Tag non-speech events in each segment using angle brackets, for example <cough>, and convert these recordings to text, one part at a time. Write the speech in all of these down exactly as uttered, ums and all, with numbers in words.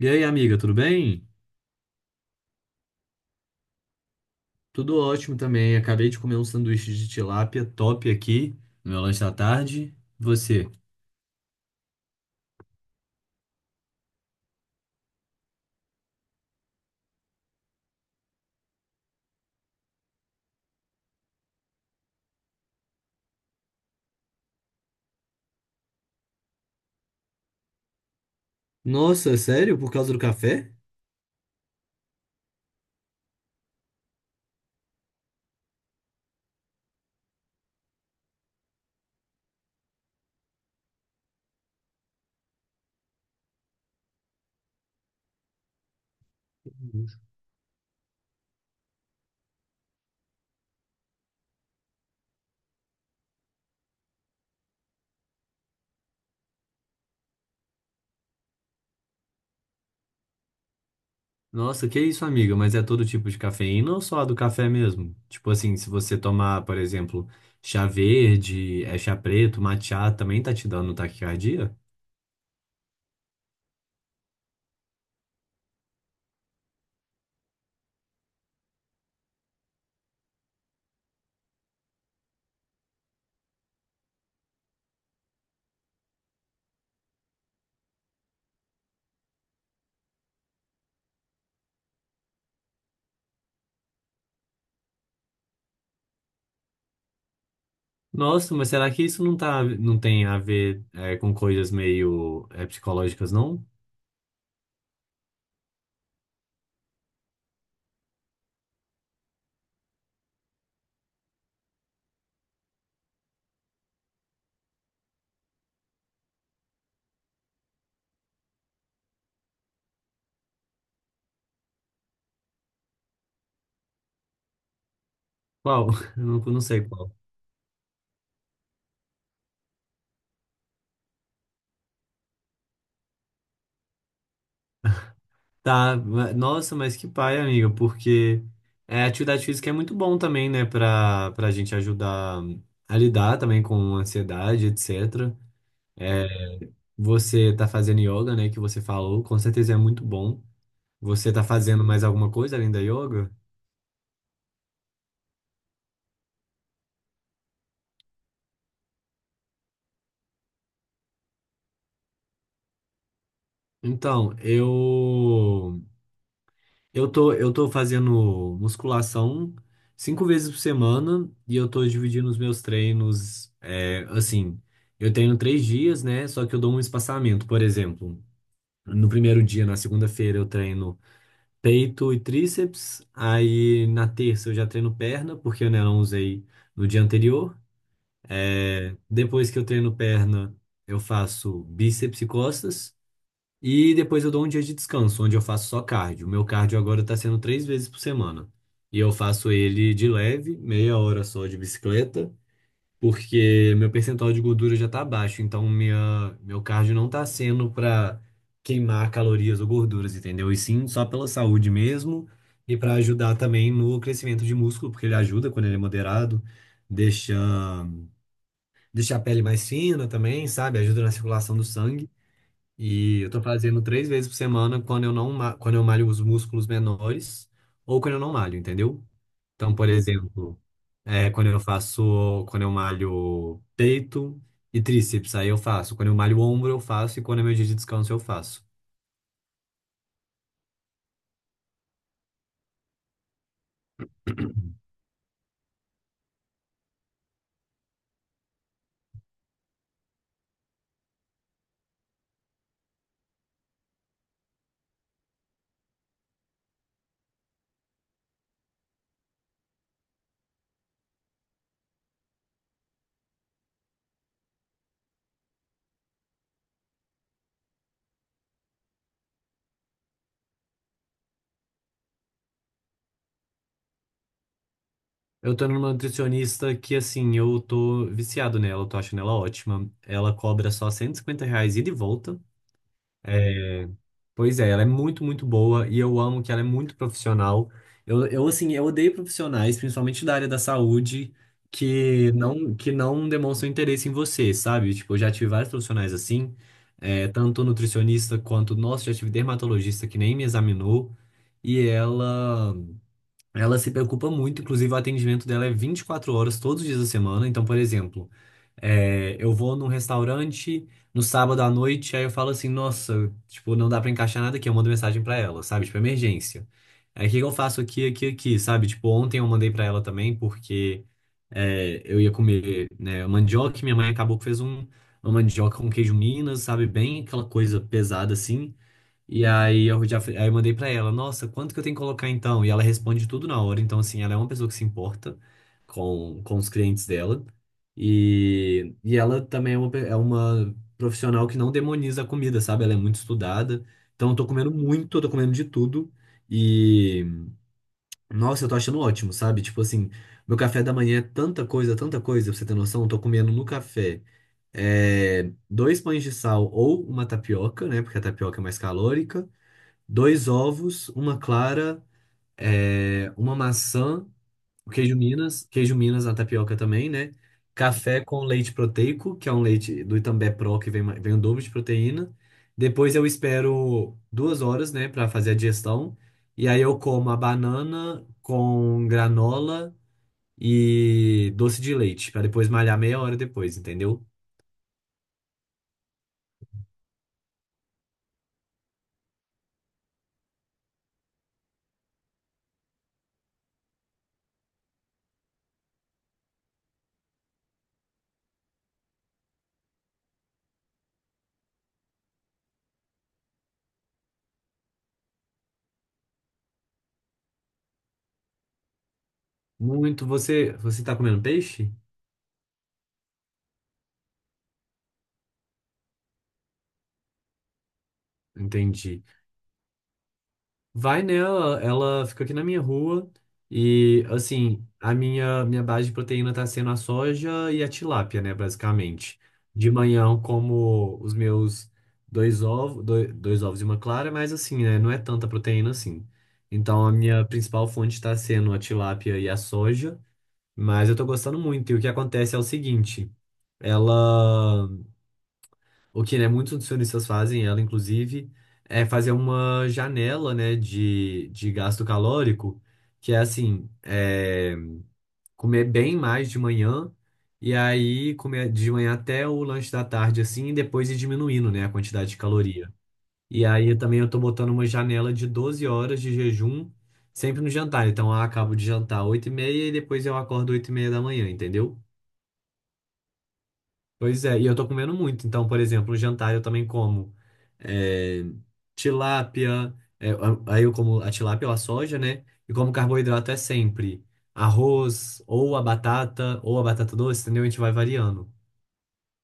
E aí, amiga, tudo bem? Tudo ótimo também. Acabei de comer um sanduíche de tilápia top aqui no meu lanche da tarde. Você? Nossa, sério? Por causa do café? Nossa, que isso, amiga? Mas é todo tipo de cafeína ou só a do café mesmo? Tipo assim, se você tomar, por exemplo, chá verde, é chá preto, matcha, também tá te dando taquicardia? Nossa, mas será que isso não tá, não tem a ver, é, com coisas meio, é, psicológicas, não? Qual? <laughs> Eu não, não sei qual. Tá, ma- nossa, mas que pai, amiga, porque é, atividade física é muito bom também, né, pra, pra gente ajudar a lidar também com ansiedade, etcétera. Você tá fazendo yoga, né, que você falou, com certeza é muito bom. Você tá fazendo mais alguma coisa além da yoga? Então, eu Eu tô, eu tô fazendo musculação cinco vezes por semana e eu tô dividindo os meus treinos, é, assim, eu treino três dias, né? Só que eu dou um espaçamento, por exemplo. No primeiro dia, na segunda-feira, eu treino peito e tríceps. Aí na terça eu já treino perna, porque eu, né, não usei no dia anterior. É, depois que eu treino perna, eu faço bíceps e costas. E depois eu dou um dia de descanso, onde eu faço só cardio. O meu cardio agora tá sendo três vezes por semana. E eu faço ele de leve, meia hora só de bicicleta, porque meu percentual de gordura já tá baixo. Então, minha, meu cardio não tá sendo pra queimar calorias ou gorduras, entendeu? E sim, só pela saúde mesmo e pra ajudar também no crescimento de músculo, porque ele ajuda quando ele é moderado, deixa, deixa a pele mais fina também, sabe? Ajuda na circulação do sangue. E eu tô fazendo três vezes por semana quando eu não, ma- quando eu malho os músculos menores ou quando eu não malho, entendeu? Então, por exemplo, é, quando eu faço, quando eu malho peito e tríceps, aí eu faço. Quando eu malho o ombro, eu faço. E quando é meu dia de descanso, eu faço. Eu tô numa nutricionista que, assim, eu tô viciado nela, eu tô achando ela ótima. Ela cobra só cento e cinquenta reais ida e volta. É. Pois é, ela é muito, muito boa e eu amo que ela é muito profissional. Eu, eu assim, eu odeio profissionais, principalmente da área da saúde, que não, que não demonstram interesse em você, sabe? Tipo, eu já tive vários profissionais assim, é, tanto nutricionista quanto, nossa, já tive dermatologista que nem me examinou. E ela. Ela se preocupa muito, inclusive o atendimento dela é vinte e quatro horas todos os dias da semana. Então, por exemplo, é, eu vou num restaurante no sábado à noite, aí eu falo assim, nossa, tipo, não dá pra encaixar nada aqui, eu mando mensagem pra ela, sabe? Tipo, emergência. Aí o que que eu faço aqui, aqui, aqui, sabe? Tipo, ontem eu mandei pra ela também, porque é, eu ia comer, né, mandioca, e minha mãe acabou que fez um, uma mandioca com queijo Minas, sabe? Bem aquela coisa pesada assim. E aí eu já aí eu mandei pra ela, nossa, quanto que eu tenho que colocar então? E ela responde tudo na hora. Então, assim, ela é uma pessoa que se importa com, com os clientes dela. E, e ela também é uma, pe- é uma profissional que não demoniza a comida, sabe? Ela é muito estudada. Então, eu tô comendo muito, eu tô comendo de tudo. E, nossa, eu tô achando ótimo, sabe? Tipo assim, meu café da manhã é tanta coisa, tanta coisa, pra você ter noção, eu tô comendo no café. É, dois pães de sal ou uma tapioca, né? Porque a tapioca é mais calórica. Dois ovos, uma clara, é, uma maçã, o queijo Minas, queijo Minas na tapioca também, né? Café com leite proteico, que é um leite do Itambé Pro, que vem, ma- vem o dobro de proteína. Depois eu espero duas horas, né, para fazer a digestão. E aí eu como a banana com granola e doce de leite, para depois malhar meia hora depois, entendeu? Muito. Você, você tá comendo peixe? Entendi. Vai nela, ela fica aqui na minha rua e assim, a minha minha base de proteína tá sendo a soja e a tilápia, né, basicamente. De manhã eu como os meus dois ovos, dois, dois ovos e uma clara, mas assim, né, não é tanta proteína assim. Então a minha principal fonte tá sendo a tilápia e a soja, mas eu tô gostando muito. E o que acontece é o seguinte, ela o que, né, muitos nutricionistas fazem, ela inclusive, é fazer uma janela, né, de, de gasto calórico, que é assim, é, comer bem mais de manhã, e aí comer de manhã até o lanche da tarde, assim, e depois ir diminuindo, né, a quantidade de caloria. E aí também eu tô botando uma janela de doze horas de jejum, sempre no jantar. Então eu acabo de jantar oito e meia, e depois eu acordo oito e meia da manhã, entendeu? Pois é, e eu tô comendo muito. Então, por exemplo, o jantar eu também como é, tilápia, é, a- aí eu como a tilápia ou a soja, né? E como carboidrato é sempre arroz, ou a batata, ou a batata doce, entendeu? A gente vai variando.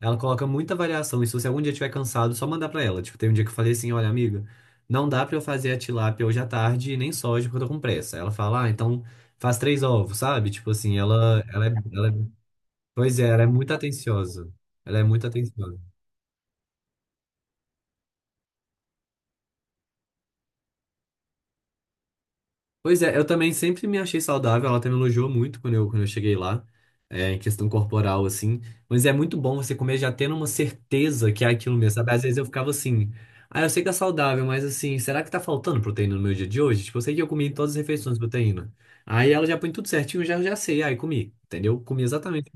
Ela coloca muita variação, e se você algum dia estiver cansado, só mandar pra ela. Tipo, tem um dia que eu falei assim, olha, amiga, não dá pra eu fazer a tilápia hoje à tarde, e nem soja, porque eu tô com pressa. Ela fala, ah, então faz três ovos, sabe? Tipo assim, ela, ela é, ela é- pois é, ela é muito atenciosa. Ela é muito atenciosa. Pois é, eu também sempre me achei saudável, ela até me elogiou muito quando eu, quando eu cheguei lá, é, em questão corporal, assim. Mas é muito bom você comer já tendo uma certeza que é aquilo mesmo, sabe? Às vezes eu ficava assim, ah, eu sei que é saudável, mas assim, será que tá faltando proteína no meu dia de hoje? Tipo, eu sei que eu comi em todas as refeições proteína. Aí ela já põe tudo certinho, já, já sei, aí comi, entendeu? Comi exatamente.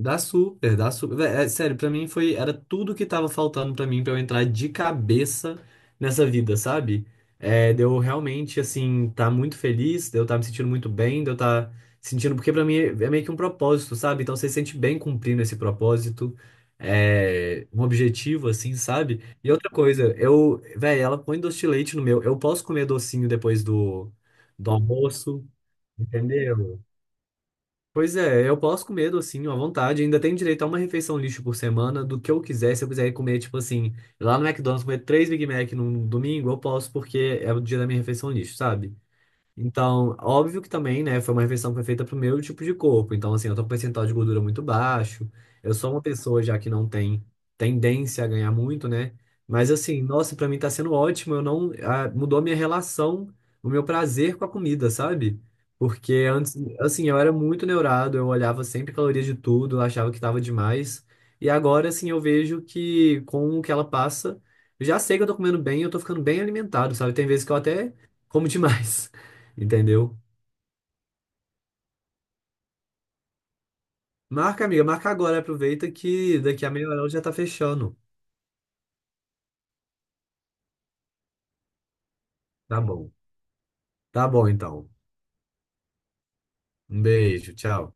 Dá super, dá super. Vé, é, sério, pra mim foi, era tudo que tava faltando pra mim pra eu entrar de cabeça nessa vida, sabe? É, de eu realmente, assim, tá muito feliz, de eu tá me sentindo muito bem, de eu tá sentindo, porque pra mim é é meio que um propósito, sabe? Então você se sente bem cumprindo esse propósito, é, um objetivo, assim, sabe? E outra coisa, eu, véi, ela põe doce de leite no meu, eu posso comer docinho depois do, do almoço, entendeu? Pois é, eu posso comer docinho à vontade. Ainda tenho direito a uma refeição lixo por semana do que eu quiser. Se eu quiser comer, tipo assim, lá no McDonald's, comer três Big Mac num domingo, eu posso, porque é o dia da minha refeição lixo, sabe? Então, óbvio que também, né, foi uma refeição que foi feita pro meu tipo de corpo. Então, assim, eu tô com um percentual de gordura muito baixo. Eu sou uma pessoa já que não tem tendência a ganhar muito, né? Mas assim, nossa, pra mim tá sendo ótimo. Eu não, ah, Mudou a minha relação, o meu prazer com a comida, sabe? Porque antes, assim, eu era muito neurado, eu olhava sempre calorias de tudo, eu achava que tava demais. E agora, assim, eu vejo que com o que ela passa, eu já sei que eu tô comendo bem, eu tô ficando bem alimentado, sabe? Tem vezes que eu até como demais. Entendeu? Marca, amiga, marca agora. Aproveita que daqui a meia hora já tá fechando. Tá bom. Tá bom, então. Um beijo, tchau.